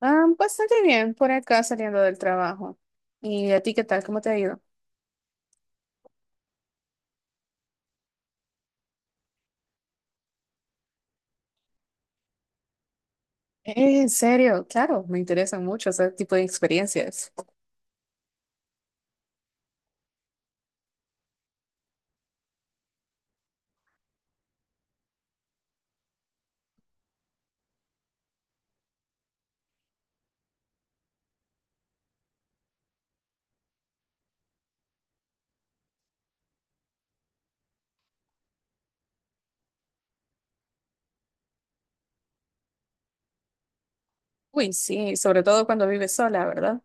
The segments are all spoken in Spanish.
Ah, bastante bien, por acá saliendo del trabajo. ¿Y a ti qué tal? ¿Cómo te ha ido? En serio, claro, me interesan mucho ese tipo de experiencias. Uy, sí, sobre todo cuando vives sola, ¿verdad?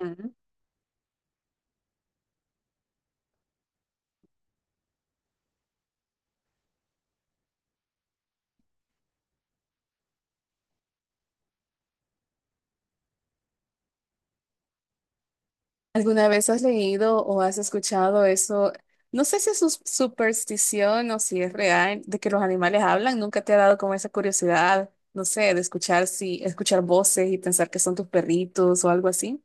Ujú. ¿Alguna vez has leído o has escuchado eso? No sé si es superstición o si es real de que los animales hablan. ¿Nunca te ha dado como esa curiosidad, no sé, de escuchar si escuchar voces y pensar que son tus perritos o algo así?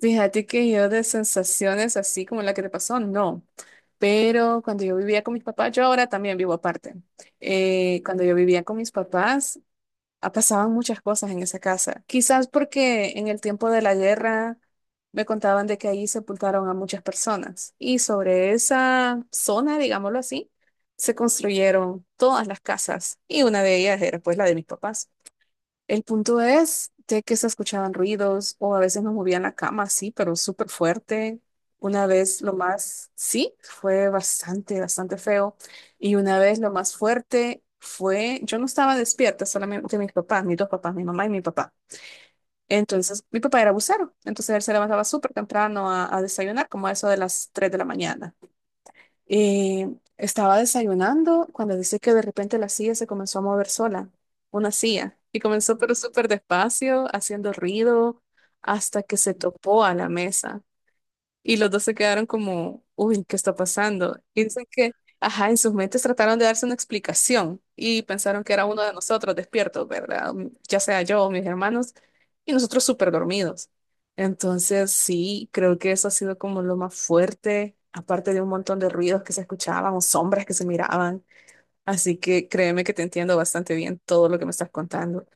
Fíjate que yo de sensaciones así como la que te pasó, no. Pero cuando yo vivía con mis papás, yo ahora también vivo aparte. Cuando yo vivía con mis papás, pasaban muchas cosas en esa casa. Quizás porque en el tiempo de la guerra me contaban de que ahí sepultaron a muchas personas. Y sobre esa zona, digámoslo así, se construyeron todas las casas. Y una de ellas era pues la de mis papás. El punto es de que se escuchaban ruidos o a veces nos movían la cama, sí, pero súper fuerte. Una vez lo más, sí, fue bastante, bastante feo. Y una vez lo más fuerte fue, yo no estaba despierta, solamente mis papás, mis dos papás, mi mamá y mi papá. Entonces, mi papá era bucero, entonces él se levantaba súper temprano a desayunar, como a eso de las 3 de la mañana. Eh, estaba desayunando cuando dice que de repente la silla se comenzó a mover sola, una silla, y comenzó pero súper despacio, haciendo ruido, hasta que se topó a la mesa. Y los dos se quedaron como, uy, ¿qué está pasando? Y dicen que, ajá, en sus mentes trataron de darse una explicación y pensaron que era uno de nosotros despiertos, ¿verdad? Ya sea yo o mis hermanos, y nosotros súper dormidos. Entonces, sí, creo que eso ha sido como lo más fuerte, aparte de un montón de ruidos que se escuchaban o sombras que se miraban. Así que créeme que te entiendo bastante bien todo lo que me estás contando.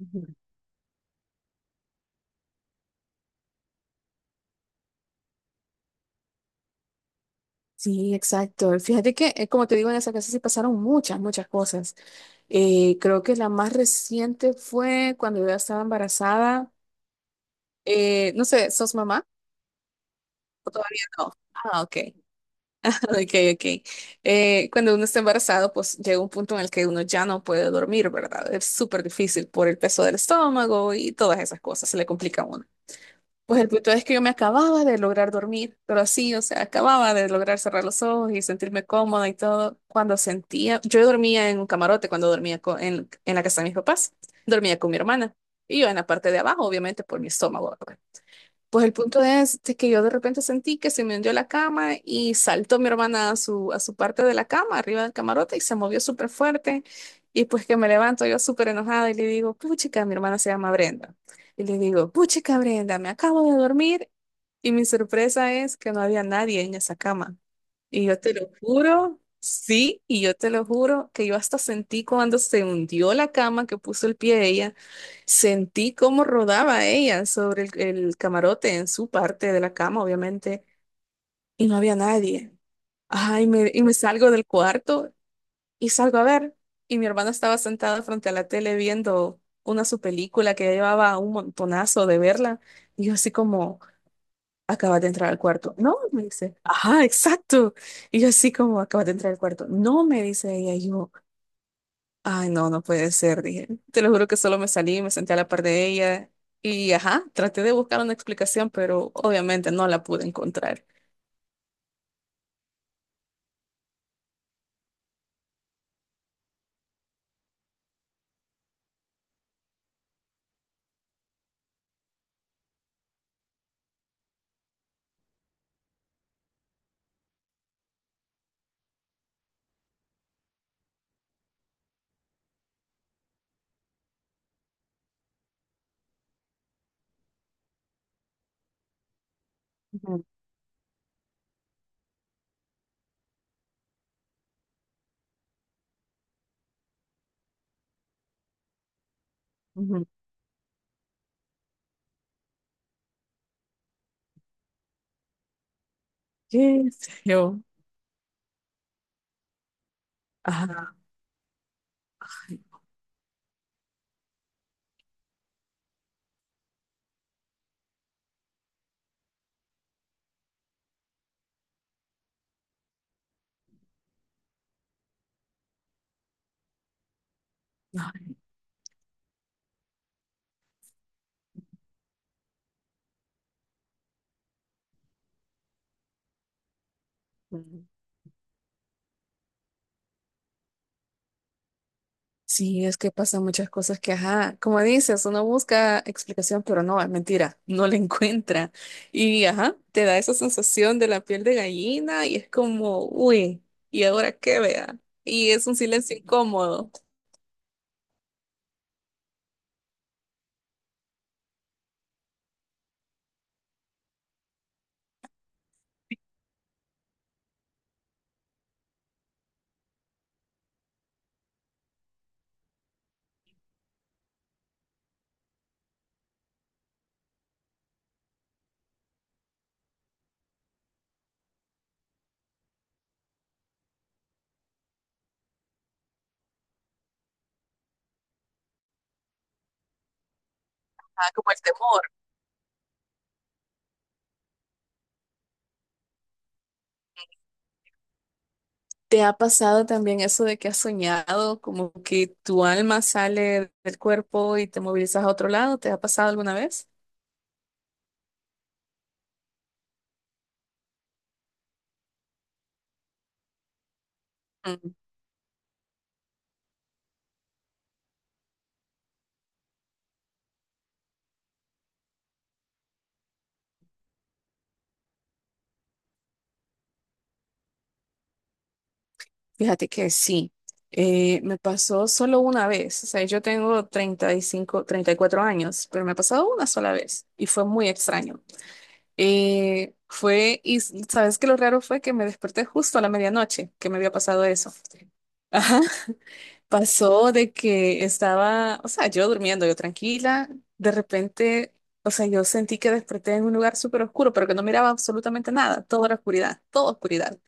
Ujú. Sí, exacto. Fíjate que, como te digo, en esa casa sí pasaron muchas, muchas cosas. Creo que la más reciente fue cuando yo ya estaba embarazada. No sé, ¿sos mamá? ¿O todavía no? Ah, ok. Ok, ok. Cuando uno está embarazado, pues llega un punto en el que uno ya no puede dormir, ¿verdad? Es súper difícil por el peso del estómago y todas esas cosas, se le complica a uno. Pues el punto es que yo me acababa de lograr dormir, pero así, o sea, acababa de lograr cerrar los ojos y sentirme cómoda y todo. Cuando sentía, yo dormía en un camarote cuando dormía en la casa de mis papás, dormía con mi hermana y yo en la parte de abajo, obviamente por mi estómago. Pues el punto es de que yo de repente sentí que se me hundió la cama y saltó mi hermana a su parte de la cama, arriba del camarote, y se movió súper fuerte. Y pues que me levanto yo súper enojada y le digo, puchica, mi hermana se llama Brenda. Y le digo, puchica, Brenda, me acabo de dormir. Y mi sorpresa es que no había nadie en esa cama. Y yo te lo juro, sí, y yo te lo juro que yo hasta sentí cuando se hundió la cama que puso el pie ella, sentí cómo rodaba ella sobre el camarote en su parte de la cama, obviamente, y no había nadie. Ay, y me salgo del cuarto y salgo a ver. Y mi hermana estaba sentada frente a la tele viendo una su película que ya llevaba un montonazo de verla. Y yo así como acabas de entrar al cuarto. No, me dice, ajá, exacto. Y yo así como, acabas de entrar al cuarto. No, me dice ella, y yo, ay, no, no puede ser, dije. Te lo juro que solo me salí, me senté a la par de ella y, ajá, traté de buscar una explicación, pero obviamente no la pude encontrar. Ujú, ujú. ¿Qué sé yo? Ajá. Ay, no, no. Sí, es que pasan muchas cosas que, ajá, como dices, uno busca explicación, pero no, es mentira, no la encuentra. Y, ajá, te da esa sensación de la piel de gallina y es como, uy, ¿y ahora qué vea? Y es un silencio incómodo. Ah, como el temor. ¿Te ha pasado también eso de que has soñado, como que tu alma sale del cuerpo y te movilizas a otro lado? ¿Te ha pasado alguna vez? Fíjate que sí, me pasó solo una vez, o sea, yo tengo treinta y cinco, 34 años, pero me ha pasado una sola vez y fue muy extraño. Sabes que lo raro fue que me desperté justo a la medianoche, que me había pasado eso. Ajá, pasó de que estaba, o sea, yo durmiendo, yo tranquila, de repente, o sea, yo sentí que desperté en un lugar súper oscuro, pero que no miraba absolutamente nada, toda la oscuridad, toda oscuridad.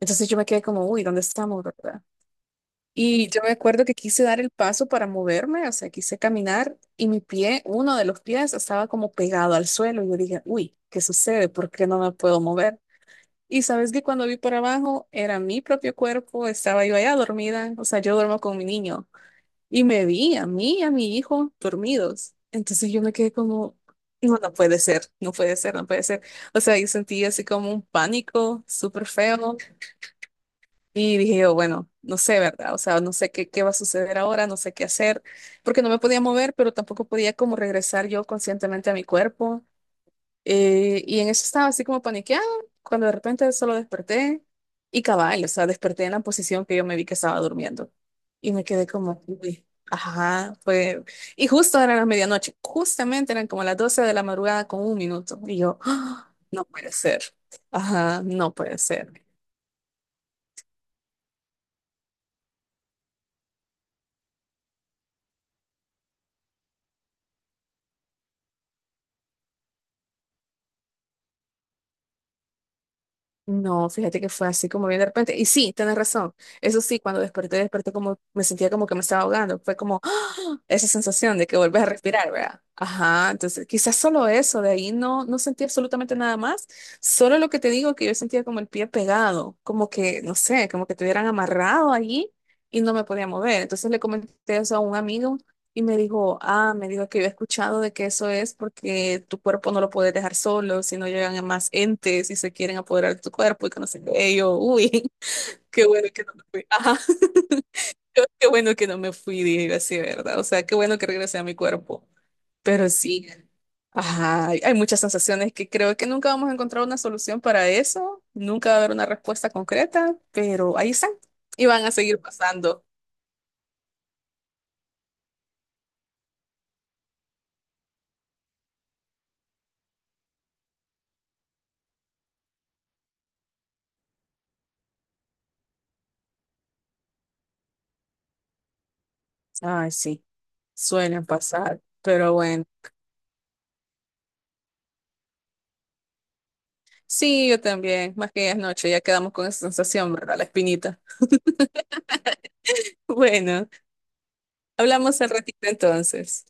Entonces yo me quedé como, uy, ¿dónde estamos, verdad? Y yo me acuerdo que quise dar el paso para moverme, o sea, quise caminar y mi pie, uno de los pies, estaba como pegado al suelo. Y yo dije, uy, ¿qué sucede? ¿Por qué no me puedo mover? Y sabes que cuando vi para abajo era mi propio cuerpo, estaba yo allá dormida, o sea, yo duermo con mi niño. Y me vi a mí y a mi hijo dormidos. Entonces yo me quedé como, no, no puede ser, no puede ser, no puede ser. O sea, yo sentí así como un pánico súper feo. Y dije yo, bueno, no sé, ¿verdad? O sea, no sé qué va a suceder ahora, no sé qué hacer, porque no me podía mover, pero tampoco podía como regresar yo conscientemente a mi cuerpo. Y en eso estaba así como paniqueado, cuando de repente solo desperté y cabal, o sea, desperté en la posición que yo me vi que estaba durmiendo. Y me quedé como, uy, ajá, fue. Y justo era la medianoche, justamente eran como las 12 de la madrugada con 1 minuto. Y yo, ¡ah! No puede ser, ajá, no puede ser. No, fíjate que fue así como bien de repente. Y sí, tienes razón. Eso sí, cuando desperté, desperté como, me sentía como que me estaba ahogando. Fue como ¡ah! Esa sensación de que vuelves a respirar, ¿verdad? Ajá, entonces quizás solo eso, de ahí no, no sentí absolutamente nada más. Solo lo que te digo, que yo sentía como el pie pegado, como que, no sé, como que te hubieran amarrado allí y no me podía mover. Entonces le comenté eso a un amigo y me dijo que yo he escuchado de que eso es porque tu cuerpo no lo puedes dejar solo, si no llegan más entes y se quieren apoderar de tu cuerpo y que no sé qué. Y yo, uy, qué bueno que no me fui. Ajá. Qué bueno que no me fui, dije yo así, ¿verdad? O sea, qué bueno que regresé a mi cuerpo. Pero sí, ajá, hay muchas sensaciones que creo que nunca vamos a encontrar una solución para eso, nunca va a haber una respuesta concreta, pero ahí están y van a seguir pasando. Ay, sí, suelen pasar, pero bueno. Sí, yo también, más que es noche, ya quedamos con esa sensación, ¿verdad? La espinita. Bueno, hablamos al ratito entonces.